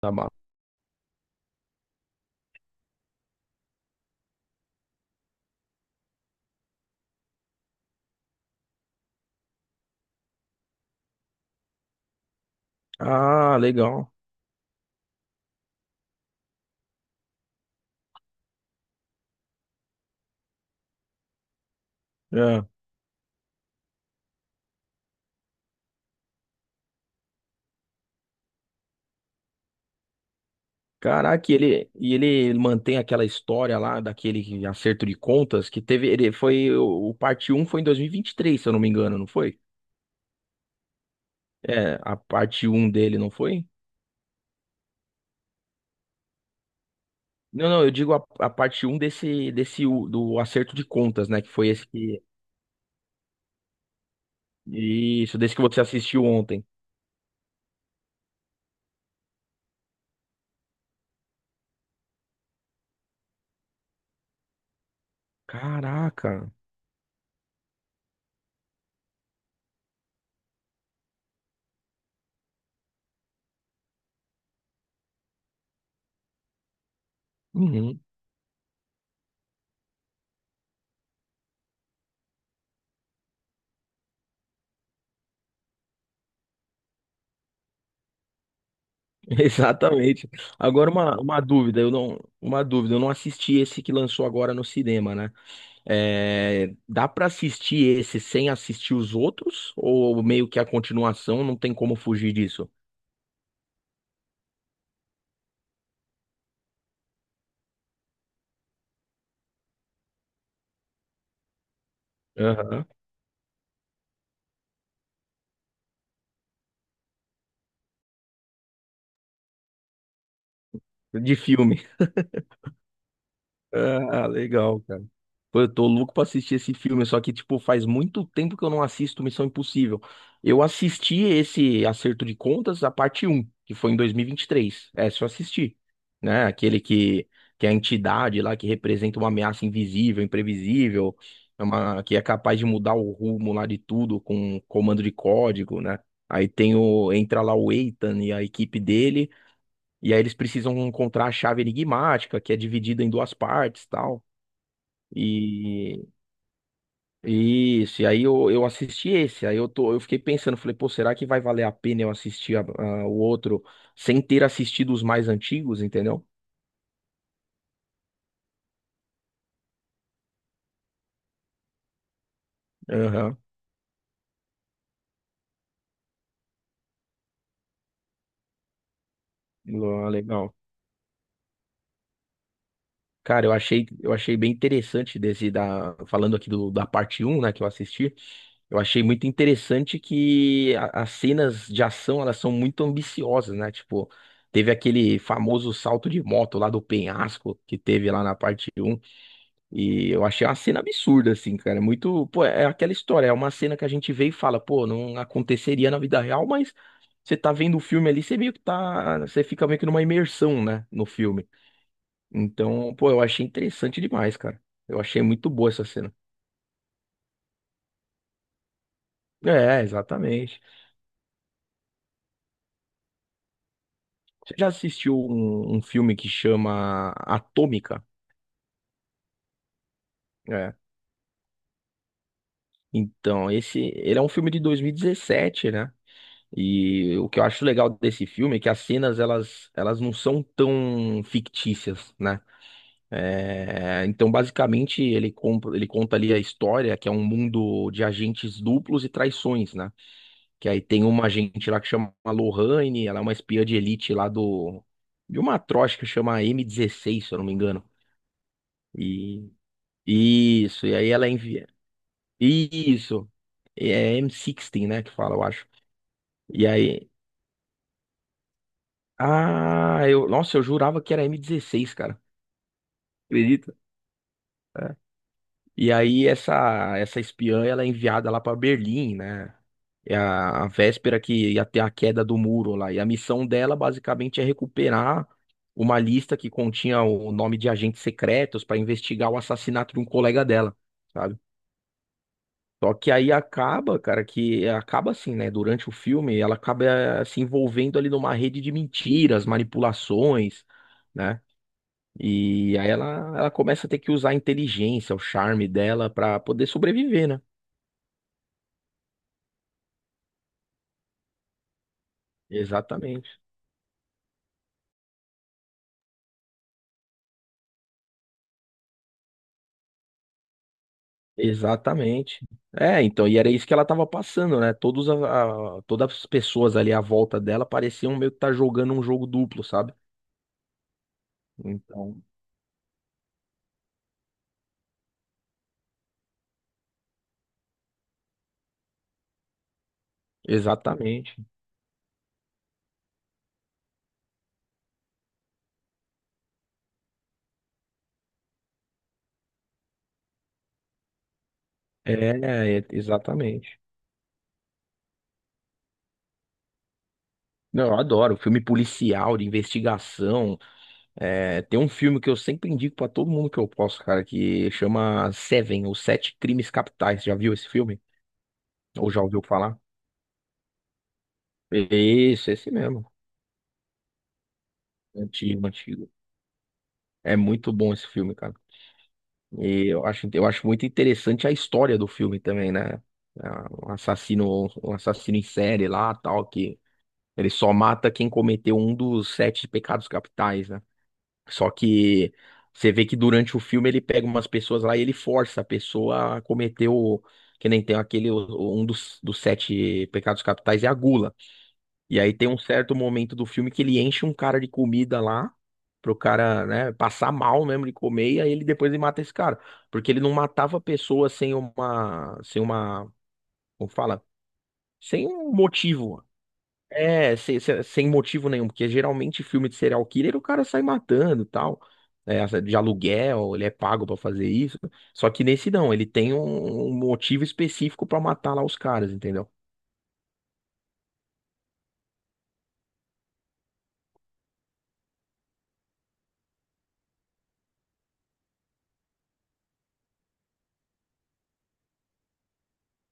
Tá bom. Ah, legal. É. Caraca, e ele mantém aquela história lá daquele acerto de contas que teve. Ele foi. O parte um foi em dois mil e vinte e três, se eu não me engano, não foi? É, a parte um dele, não foi? Não, não, eu digo a parte um desse, do acerto de contas, né? Que foi esse que. Isso, desse que você assistiu ontem. Caraca. Uhum, exatamente. Agora uma dúvida, eu não assisti esse que lançou agora no cinema, né? É, dá pra assistir esse sem assistir os outros? Ou meio que a continuação não tem como fugir disso? Aham. De filme. Ah, legal, cara. Pô, eu tô louco pra assistir esse filme, só que, tipo, faz muito tempo que eu não assisto Missão Impossível. Eu assisti esse Acerto de Contas, a parte um, que foi em dois mil e vinte e três. É, se eu assisti, né? Aquele que é a entidade lá que representa uma ameaça invisível, imprevisível, é uma, que é capaz de mudar o rumo lá de tudo com comando de código, né? Aí tem o, entra lá o Ethan e a equipe dele e aí eles precisam encontrar a chave enigmática, que é dividida em duas partes, tal. E isso, e aí eu assisti esse, aí eu tô, eu fiquei pensando, falei, pô, será que vai valer a pena eu assistir o outro sem ter assistido os mais antigos, entendeu? Aham. Ah, legal. Cara, eu achei bem interessante desse da falando aqui do, da parte um, né, que eu assisti. Eu achei muito interessante que as cenas de ação, elas são muito ambiciosas, né? Tipo, teve aquele famoso salto de moto lá do penhasco que teve lá na parte um e eu achei uma cena absurda assim, cara, muito, pô, é aquela história, é uma cena que a gente vê e fala, pô, não aconteceria na vida real, mas você tá vendo o filme ali, você fica meio que numa imersão, né, no filme. Então, pô, eu achei interessante demais, cara. Eu achei muito boa essa cena. É, exatamente. Você já assistiu um filme que chama Atômica? É. Então, esse, ele é um filme de 2017, né? E o que eu acho legal desse filme é que as cenas, elas não são tão fictícias, né? É, então, basicamente, ele, ele conta ali a história, que é um mundo de agentes duplos e traições, né? Que aí tem uma agente lá que chama Lorraine, ela é uma espiã de elite lá do... De uma atroz que chama m dezesseis, se eu não me engano. E isso, e aí ela envia. Isso. É M16, né, que fala, eu acho. E aí, ah, eu, nossa, eu jurava que era m dezesseis cara. Acredita? É. E aí essa espiã, ela é enviada lá pra Berlim, né? É a véspera que ia ter a queda do muro lá. E a missão dela basicamente é recuperar uma lista que continha o nome de agentes secretos pra investigar o assassinato de um colega dela. Sabe? Só que aí acaba, cara, que acaba assim, né? Durante o filme, ela acaba eh, se envolvendo ali numa rede de mentiras, manipulações, né? E aí ela começa a ter que usar a inteligência, o charme dela pra poder sobreviver, né? Exatamente. Exatamente. É, então, e era isso que ela tava passando, né? Todos todas as pessoas ali à volta dela pareciam meio que tá jogando um jogo duplo, sabe? Então, exatamente. É, exatamente. Não, eu adoro filme policial, de investigação. É, tem um filme que eu sempre indico pra todo mundo que eu posso, cara, que chama Seven, ou Sete Crimes Capitais. Já viu esse filme? Ou já ouviu falar? Isso, esse mesmo. Antigo, antigo. É muito bom esse filme, cara. E eu acho muito interessante a história do filme também, né? É um assassino, um assassino em série lá, tal, que ele só mata quem cometeu um dos sete pecados capitais, né? Só que você vê que durante o filme ele pega umas pessoas lá e ele força a pessoa a cometer o. Que nem tem aquele. Um dos, dos sete pecados capitais é a gula. E aí tem um certo momento do filme que ele enche um cara de comida lá. Pro cara, né, passar mal mesmo de comer, e aí ele depois ele mata esse cara. Porque ele não matava pessoas sem como fala? Sem um motivo. É, sem motivo nenhum, porque geralmente filme de serial killer o cara sai matando, e tal, é, de aluguel, ele é pago pra fazer isso. Só que nesse não, ele tem um motivo específico pra matar lá os caras, entendeu?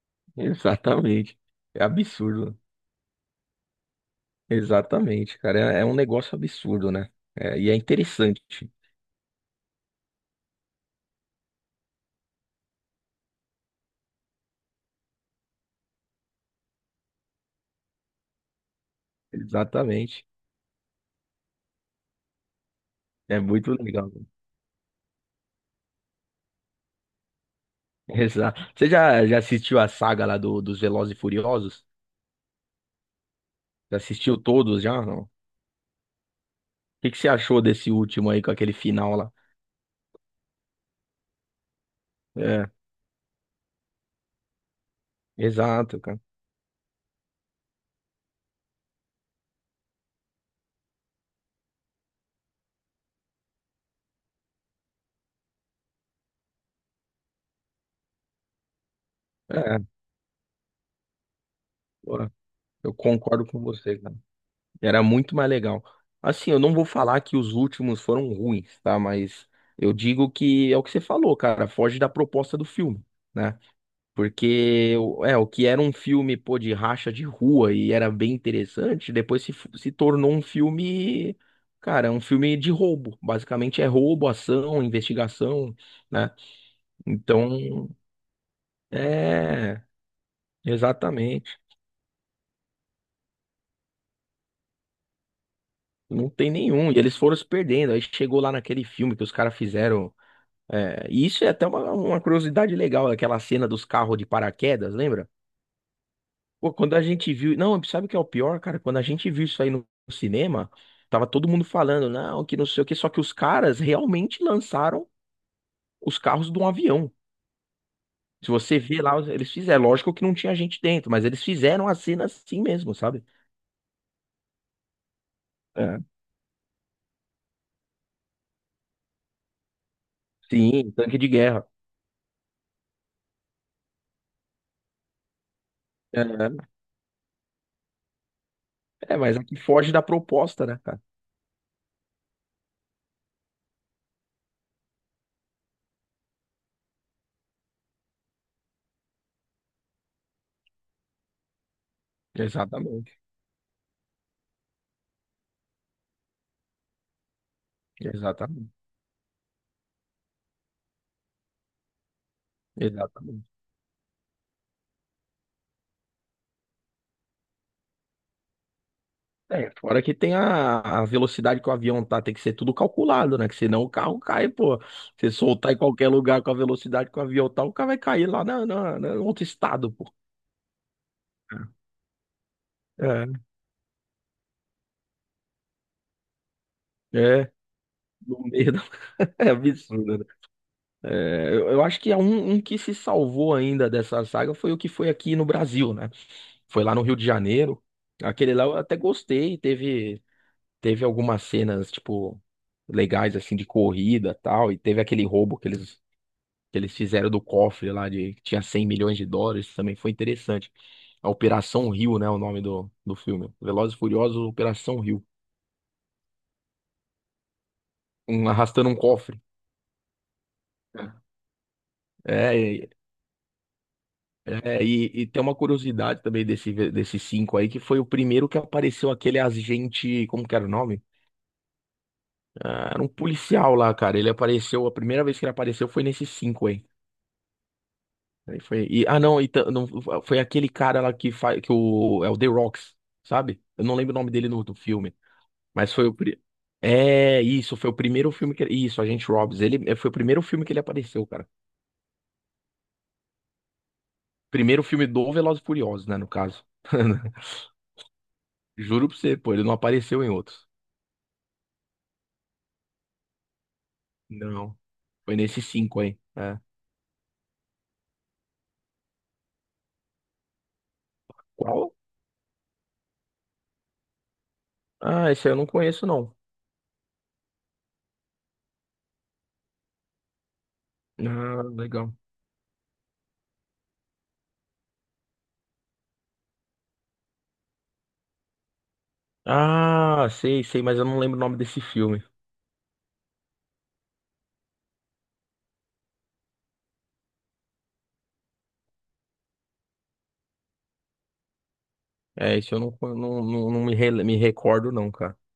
Exatamente. É absurdo. Exatamente, cara, um negócio absurdo, né? É, e é interessante. Exatamente. É muito legal. Exato. Você já, já assistiu a saga lá do, dos Velozes e Furiosos? Já assistiu todos já? Não? Que você achou desse último aí com aquele final lá? É, exato, cara. É, pô, eu concordo com você, cara. Era muito mais legal. Assim, eu não vou falar que os últimos foram ruins, tá? Mas eu digo que é o que você falou, cara. Foge da proposta do filme, né? É o que era um filme, pô, de racha de rua e era bem interessante, depois se, se tornou um filme, cara, um filme de roubo. Basicamente é roubo, ação, investigação, né? Então. É, exatamente. Não tem nenhum. E eles foram se perdendo. Aí chegou lá naquele filme que os caras fizeram. É, e isso é até uma curiosidade legal, aquela cena dos carros de paraquedas, lembra? Pô, quando a gente viu. Não, sabe o que é o pior, cara? Quando a gente viu isso aí no cinema, tava todo mundo falando, não, que não sei o quê. Só que os caras realmente lançaram os carros de um avião. Se você vê lá, eles fizeram. É, lógico que não tinha gente dentro, mas eles fizeram a cena assim mesmo, sabe? É. Sim, tanque de guerra. É. É, mas aqui foge da proposta, né, cara? Exatamente. Exatamente. Exatamente. É, fora que tem a velocidade que o avião tá, tem que ser tudo calculado, né? Que senão o carro cai, pô. Se soltar em qualquer lugar com a velocidade que o avião tá, o carro vai cair lá em outro estado, pô. É, é, no meio da... É absurdo, né? É, eu acho que é um que se salvou ainda dessa saga foi o que foi aqui no Brasil, né? Foi lá no Rio de Janeiro. Aquele lá eu até gostei, teve. Teve algumas cenas, tipo, legais, assim, de corrida e tal, e teve aquele roubo que eles fizeram do cofre lá, de, que tinha US$ 100 milhões, também foi interessante. A Operação Rio, né, o nome do, do filme. Velozes e Furiosos, Operação Rio. Um, arrastando um cofre. É, é, e tem uma curiosidade também desse, desses cinco aí, que foi o primeiro que apareceu aquele agente, como que era o nome? Ah, era um policial lá, cara. Ele apareceu, a primeira vez que ele apareceu foi nesses cinco aí. Aí foi. E, ah, não, não, foi aquele cara lá que faz. Que o, é o The Rocks, sabe? Eu não lembro o nome dele no, do filme. Mas foi o. É, isso, foi o primeiro filme que. Isso, Agente Robbins. Ele é, foi o primeiro filme que ele apareceu, cara. Primeiro filme do Velozes e Furiosos, né, no caso. Juro pra você, pô, ele não apareceu em outros. Não. Foi nesses cinco aí. É. Qual? Ah, esse aí eu não conheço, não. Ah, legal. Ah, sei, sei, mas eu não lembro o nome desse filme. É, isso eu não, não, não, não me, me recordo, não, cara.